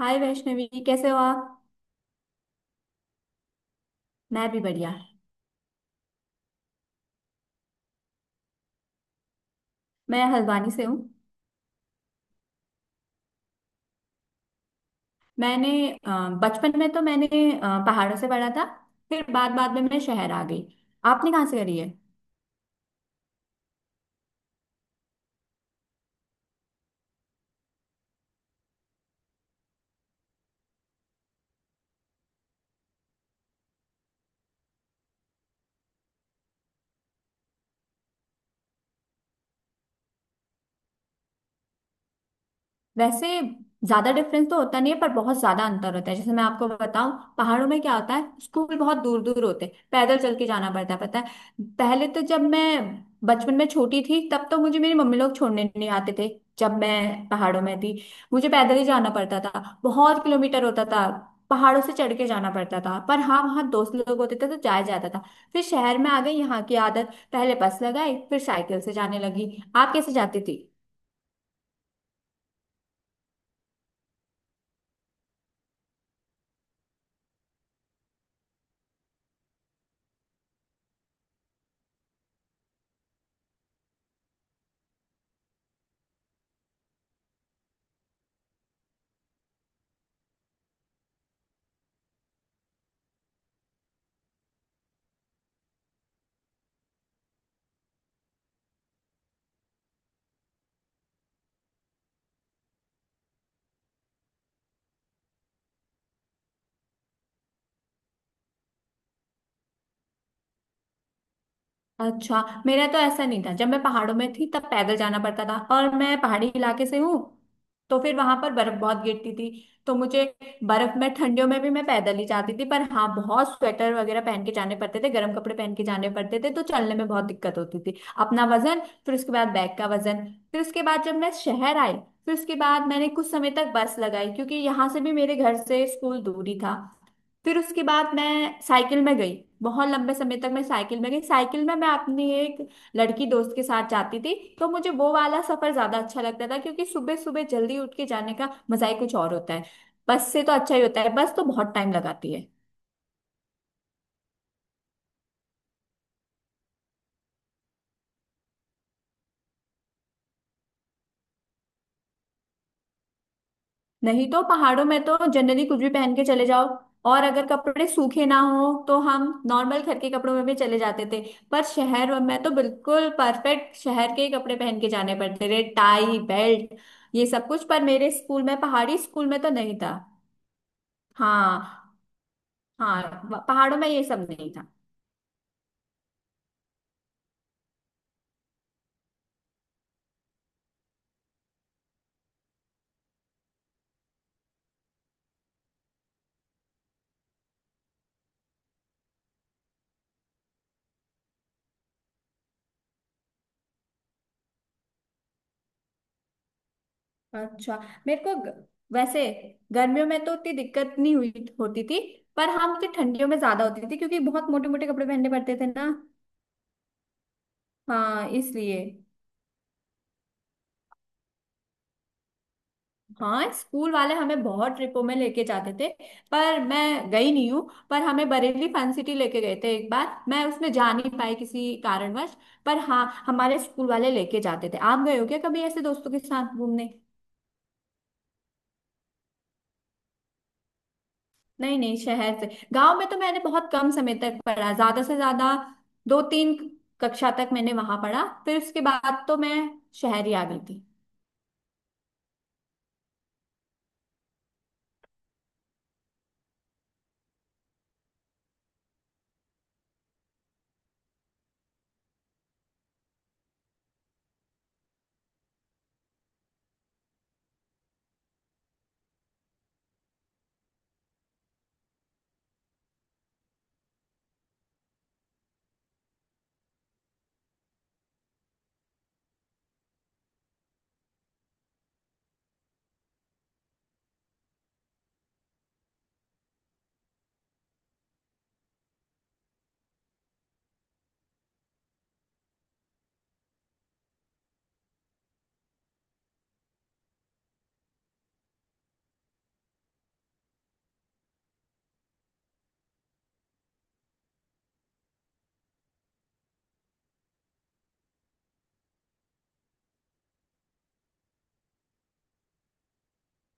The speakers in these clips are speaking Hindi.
हाय वैष्णवी कैसे हो आप। मैं भी बढ़िया। मैं हल्द्वानी से हूँ। मैंने बचपन में तो मैंने पहाड़ों से पढ़ा था। फिर बाद बाद में मैं शहर आ गई। आपने कहाँ से करी है। वैसे ज्यादा डिफरेंस तो होता नहीं है, पर बहुत ज्यादा अंतर होता है। जैसे मैं आपको बताऊं, पहाड़ों में क्या होता है, स्कूल बहुत दूर दूर होते हैं, पैदल चल के जाना पड़ता है, पता है। पहले तो जब मैं बचपन में छोटी थी, तब तो मुझे मेरी मम्मी लोग छोड़ने नहीं आते थे। जब मैं पहाड़ों में थी, मुझे पैदल ही जाना पड़ता था। बहुत किलोमीटर होता था, पहाड़ों से चढ़ के जाना पड़ता था। पर हाँ, वहाँ दोस्त लोग होते थे तो जाया जाता था। फिर शहर में आ गई, यहाँ की आदत पहले बस लगाई, फिर साइकिल से जाने लगी। आप कैसे जाती थी। अच्छा, मेरा तो ऐसा नहीं था। जब मैं पहाड़ों में थी तब पैदल जाना पड़ता था, और मैं पहाड़ी इलाके से हूँ, तो फिर वहां पर बर्फ बहुत गिरती थी। तो मुझे बर्फ में, ठंडियों में भी मैं पैदल ही जाती थी। पर हाँ, बहुत स्वेटर वगैरह पहन के जाने पड़ते थे, गर्म कपड़े पहन के जाने पड़ते थे, तो चलने में बहुत दिक्कत होती थी। अपना वजन, फिर उसके बाद बैग का वजन। फिर उसके बाद जब मैं शहर आई, फिर उसके बाद मैंने कुछ समय तक बस लगाई, क्योंकि यहाँ से भी मेरे घर से स्कूल दूरी था। फिर उसके बाद मैं साइकिल में गई, बहुत लंबे समय तक मैं साइकिल में गई। साइकिल में मैं अपनी एक लड़की दोस्त के साथ जाती थी। तो मुझे वो वाला सफर ज्यादा अच्छा लगता था, क्योंकि सुबह सुबह जल्दी उठ के जाने का मजा ही कुछ और होता है। बस से तो अच्छा ही होता है, बस तो बहुत टाइम लगाती है। नहीं तो पहाड़ों में तो जनरली कुछ भी पहन के चले जाओ, और अगर कपड़े सूखे ना हो तो हम नॉर्मल घर के कपड़ों में भी चले जाते थे। पर शहर में तो बिल्कुल परफेक्ट शहर के ही कपड़े पहन के जाने पड़ते थे, टाई बेल्ट, ये सब कुछ। पर मेरे स्कूल में, पहाड़ी स्कूल में तो नहीं था। हाँ। हाँ, पहाड़ों में ये सब नहीं था। अच्छा। मेरे को ग- वैसे गर्मियों में तो उतनी दिक्कत नहीं हुई होती थी। पर हाँ, मुझे ठंडियों में ज्यादा होती थी, क्योंकि बहुत मोटे मोटे कपड़े पहनने पड़ते थे ना। हाँ, इसलिए। हाँ, स्कूल वाले हमें बहुत ट्रिपों में लेके जाते थे, पर मैं गई नहीं हूँ। पर हमें बरेली फन सिटी लेके गए थे एक बार, मैं उसमें जा नहीं पाई किसी कारणवश। पर हाँ, हमारे स्कूल वाले लेके जाते थे। आप गए हो क्या कभी ऐसे दोस्तों के साथ घूमने। नहीं नहीं, शहर से। गांव में तो मैंने बहुत कम समय तक पढ़ा, ज्यादा से ज्यादा दो तीन कक्षा तक मैंने वहां पढ़ा, फिर उसके बाद तो मैं शहर ही आ गई थी।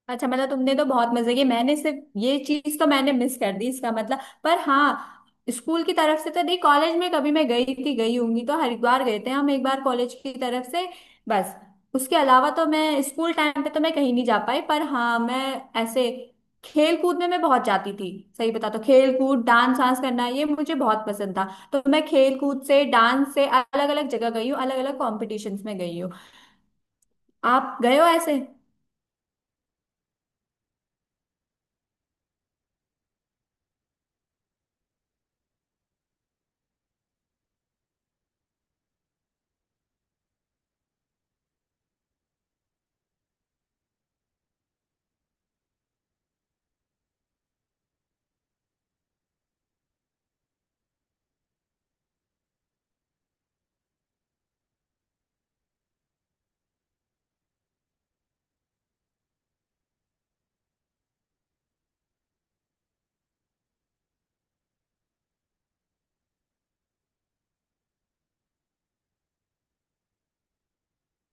अच्छा, मतलब तुमने तो बहुत मजे किए। मैंने सिर्फ ये चीज तो मैंने मिस कर दी इसका मतलब। पर हाँ, स्कूल की तरफ से तो नहीं, कॉलेज में कभी मैं गई थी, गई होंगी तो हरिद्वार गए थे हम एक बार कॉलेज की तरफ से, बस। उसके अलावा तो मैं स्कूल टाइम पे तो मैं कहीं नहीं जा पाई। पर हाँ, मैं ऐसे खेल कूद में मैं बहुत जाती थी। सही बता तो खेल कूद, डांस वांस करना, ये मुझे बहुत पसंद था। तो मैं खेल कूद से, डांस से अलग अलग जगह गई हूँ, अलग अलग कॉम्पिटिशन्स में गई हूँ। आप गए हो ऐसे।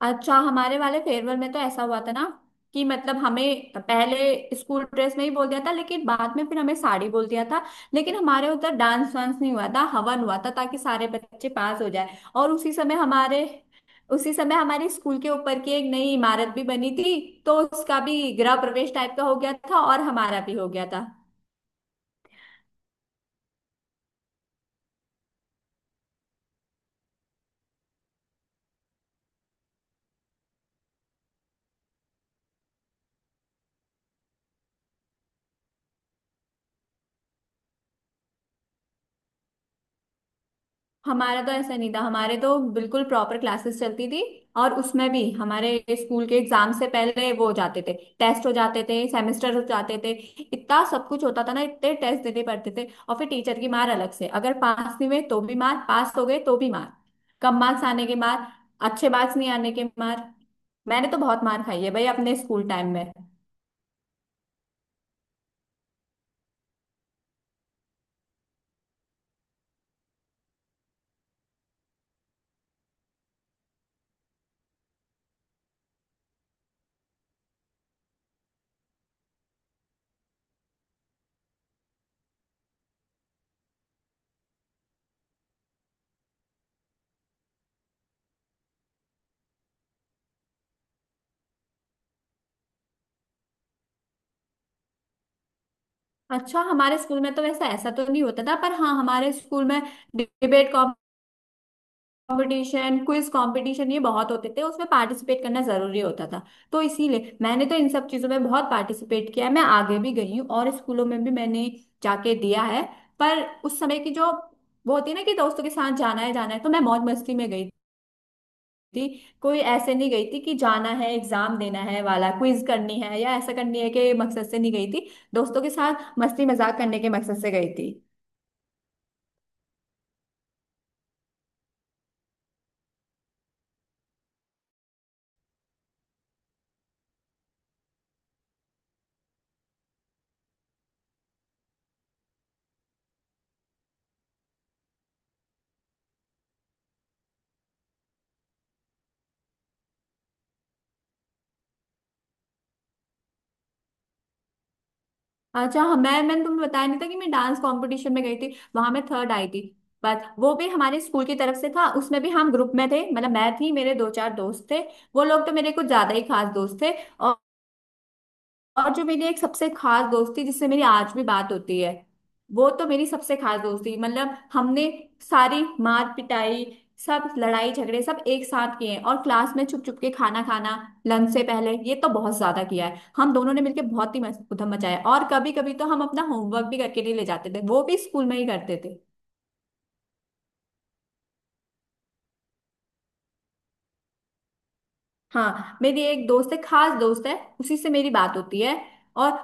अच्छा, हमारे वाले फेयरवेल में तो ऐसा हुआ था ना, कि मतलब हमें पहले स्कूल ड्रेस में ही बोल दिया था, लेकिन बाद में फिर हमें साड़ी बोल दिया था। लेकिन हमारे उधर डांस वांस नहीं हुआ था, हवन हुआ था, ताकि सारे बच्चे पास हो जाए। और उसी समय हमारे स्कूल के ऊपर की एक नई इमारत भी बनी थी, तो उसका भी गृह प्रवेश टाइप का हो गया था, और हमारा भी हो गया था। हमारा तो ऐसा नहीं था, हमारे तो बिल्कुल प्रॉपर क्लासेस चलती थी। और उसमें भी हमारे स्कूल के एग्जाम से पहले वो हो जाते थे, टेस्ट हो जाते थे, सेमेस्टर हो जाते थे। इतना सब कुछ होता था ना, इतने टेस्ट देने पड़ते थे। और फिर टीचर की मार अलग से, अगर पास नहीं हुए तो भी मार, पास हो गए तो भी मार, कम मार्क्स आने के मार, अच्छे मार्क्स नहीं आने के मार। मैंने तो बहुत मार खाई है भाई अपने स्कूल टाइम में। अच्छा, हमारे स्कूल में तो वैसा ऐसा तो नहीं होता था। पर हाँ, हमारे स्कूल में डिबेट कंपटीशन, क्विज कंपटीशन ये बहुत होते थे, उसमें पार्टिसिपेट करना जरूरी होता था। तो इसीलिए मैंने तो इन सब चीजों में बहुत पार्टिसिपेट किया है, मैं आगे भी गई हूँ और स्कूलों में भी मैंने जाके दिया है। पर उस समय की जो वो होती है ना, कि दोस्तों के साथ जाना है जाना है, तो मैं मौज मस्ती में गई थी। कोई ऐसे नहीं गई थी कि जाना है, एग्जाम देना है वाला, क्विज करनी है या ऐसा करनी है, कि मकसद से नहीं गई थी। दोस्तों के साथ मस्ती मजाक करने के मकसद से गई थी। अच्छा हाँ, मैंने तुम्हें बताया नहीं था कि मैं डांस कंपटीशन में गई थी, वहां मैं थर्ड आई थी। बट वो भी हमारे स्कूल की तरफ से था, उसमें भी हम ग्रुप में थे, मतलब मैं थी, मेरे दो चार दोस्त थे। वो लोग तो मेरे कुछ ज्यादा ही खास दोस्त थे। और जो मेरी एक सबसे खास दोस्ती, जिससे मेरी आज भी बात होती है, वो तो मेरी सबसे खास दोस्ती, मतलब हमने सारी मार पिटाई, सब लड़ाई झगड़े, सब एक साथ किए हैं। और क्लास में छुप छुप के खाना खाना, लंच से पहले, ये तो बहुत ज्यादा किया है हम दोनों ने मिलकर। बहुत ही उधम मचाया है। और कभी कभी तो हम अपना होमवर्क भी करके नहीं ले जाते थे, वो भी स्कूल में ही करते थे। हाँ, मेरी एक दोस्त है, खास दोस्त है, उसी से मेरी बात होती है। और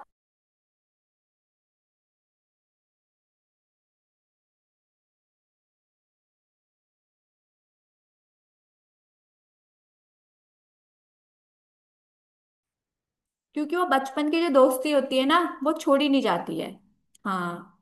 क्योंकि वो बचपन की जो दोस्ती होती है ना, वो छोड़ी नहीं जाती है। हाँ।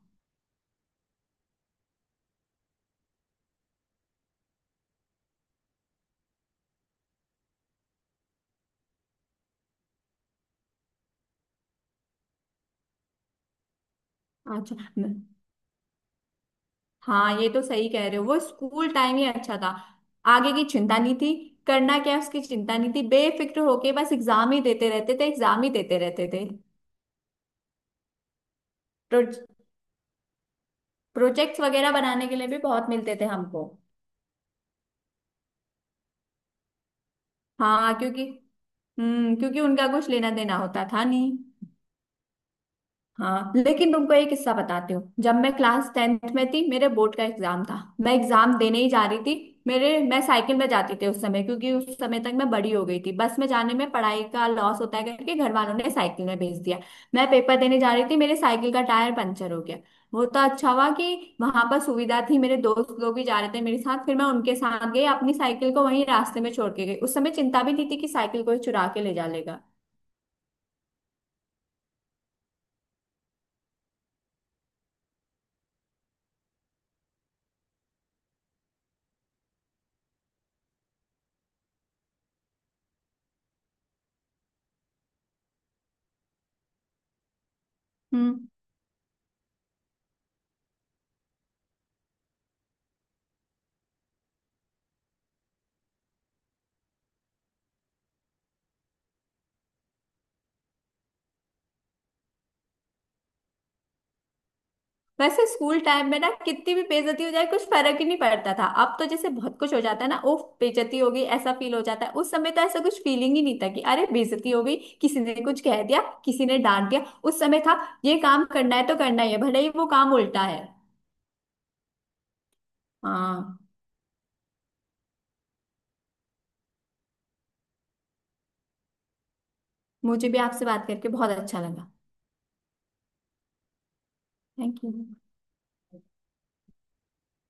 अच्छा। हाँ, ये तो सही कह रहे हो, वो स्कूल टाइम ही अच्छा था। आगे की चिंता नहीं थी, करना क्या है उसकी चिंता नहीं थी, बेफिक्र होके बस एग्जाम ही देते रहते थे, एग्जाम ही देते रहते थे। प्रो, प्रोजेक्ट्स वगैरह बनाने के लिए भी बहुत मिलते थे हमको। हाँ, क्योंकि क्योंकि उनका कुछ लेना देना होता था नहीं। हाँ, लेकिन तुमको एक किस्सा बताती हूँ। जब मैं क्लास टेंथ में थी, मेरे बोर्ड का एग्जाम था, मैं एग्जाम देने ही जा रही थी। मेरे मैं साइकिल में जाती थी उस समय, क्योंकि उस समय तक मैं बड़ी हो गई थी, बस में जाने में पढ़ाई का लॉस होता है करके घर वालों ने साइकिल में भेज दिया। मैं पेपर देने जा रही थी, मेरे साइकिल का टायर पंचर हो गया। वो तो अच्छा हुआ कि वहां पर सुविधा थी, मेरे दोस्त लोग भी जा रहे थे मेरे साथ, फिर मैं उनके साथ गई, अपनी साइकिल को वहीं रास्ते में छोड़ के गई। उस समय चिंता भी नहीं थी कि साइकिल कोई चुरा के ले जा लेगा। हम्म। वैसे स्कूल टाइम में ना कितनी भी बेइज्जती हो जाए कुछ फर्क ही नहीं पड़ता था। अब तो जैसे बहुत कुछ हो जाता है ना, उफ, बेइज्जती हो गई, ऐसा फील हो जाता है। उस समय तो ऐसा कुछ फीलिंग ही नहीं था कि अरे बेइज्जती हो गई, किसी ने कुछ कह दिया, किसी ने डांट दिया। उस समय था ये काम करना है तो करना ही है, भले ही वो काम उल्टा है। हाँ। मुझे भी आपसे बात करके बहुत अच्छा लगा। Thank you.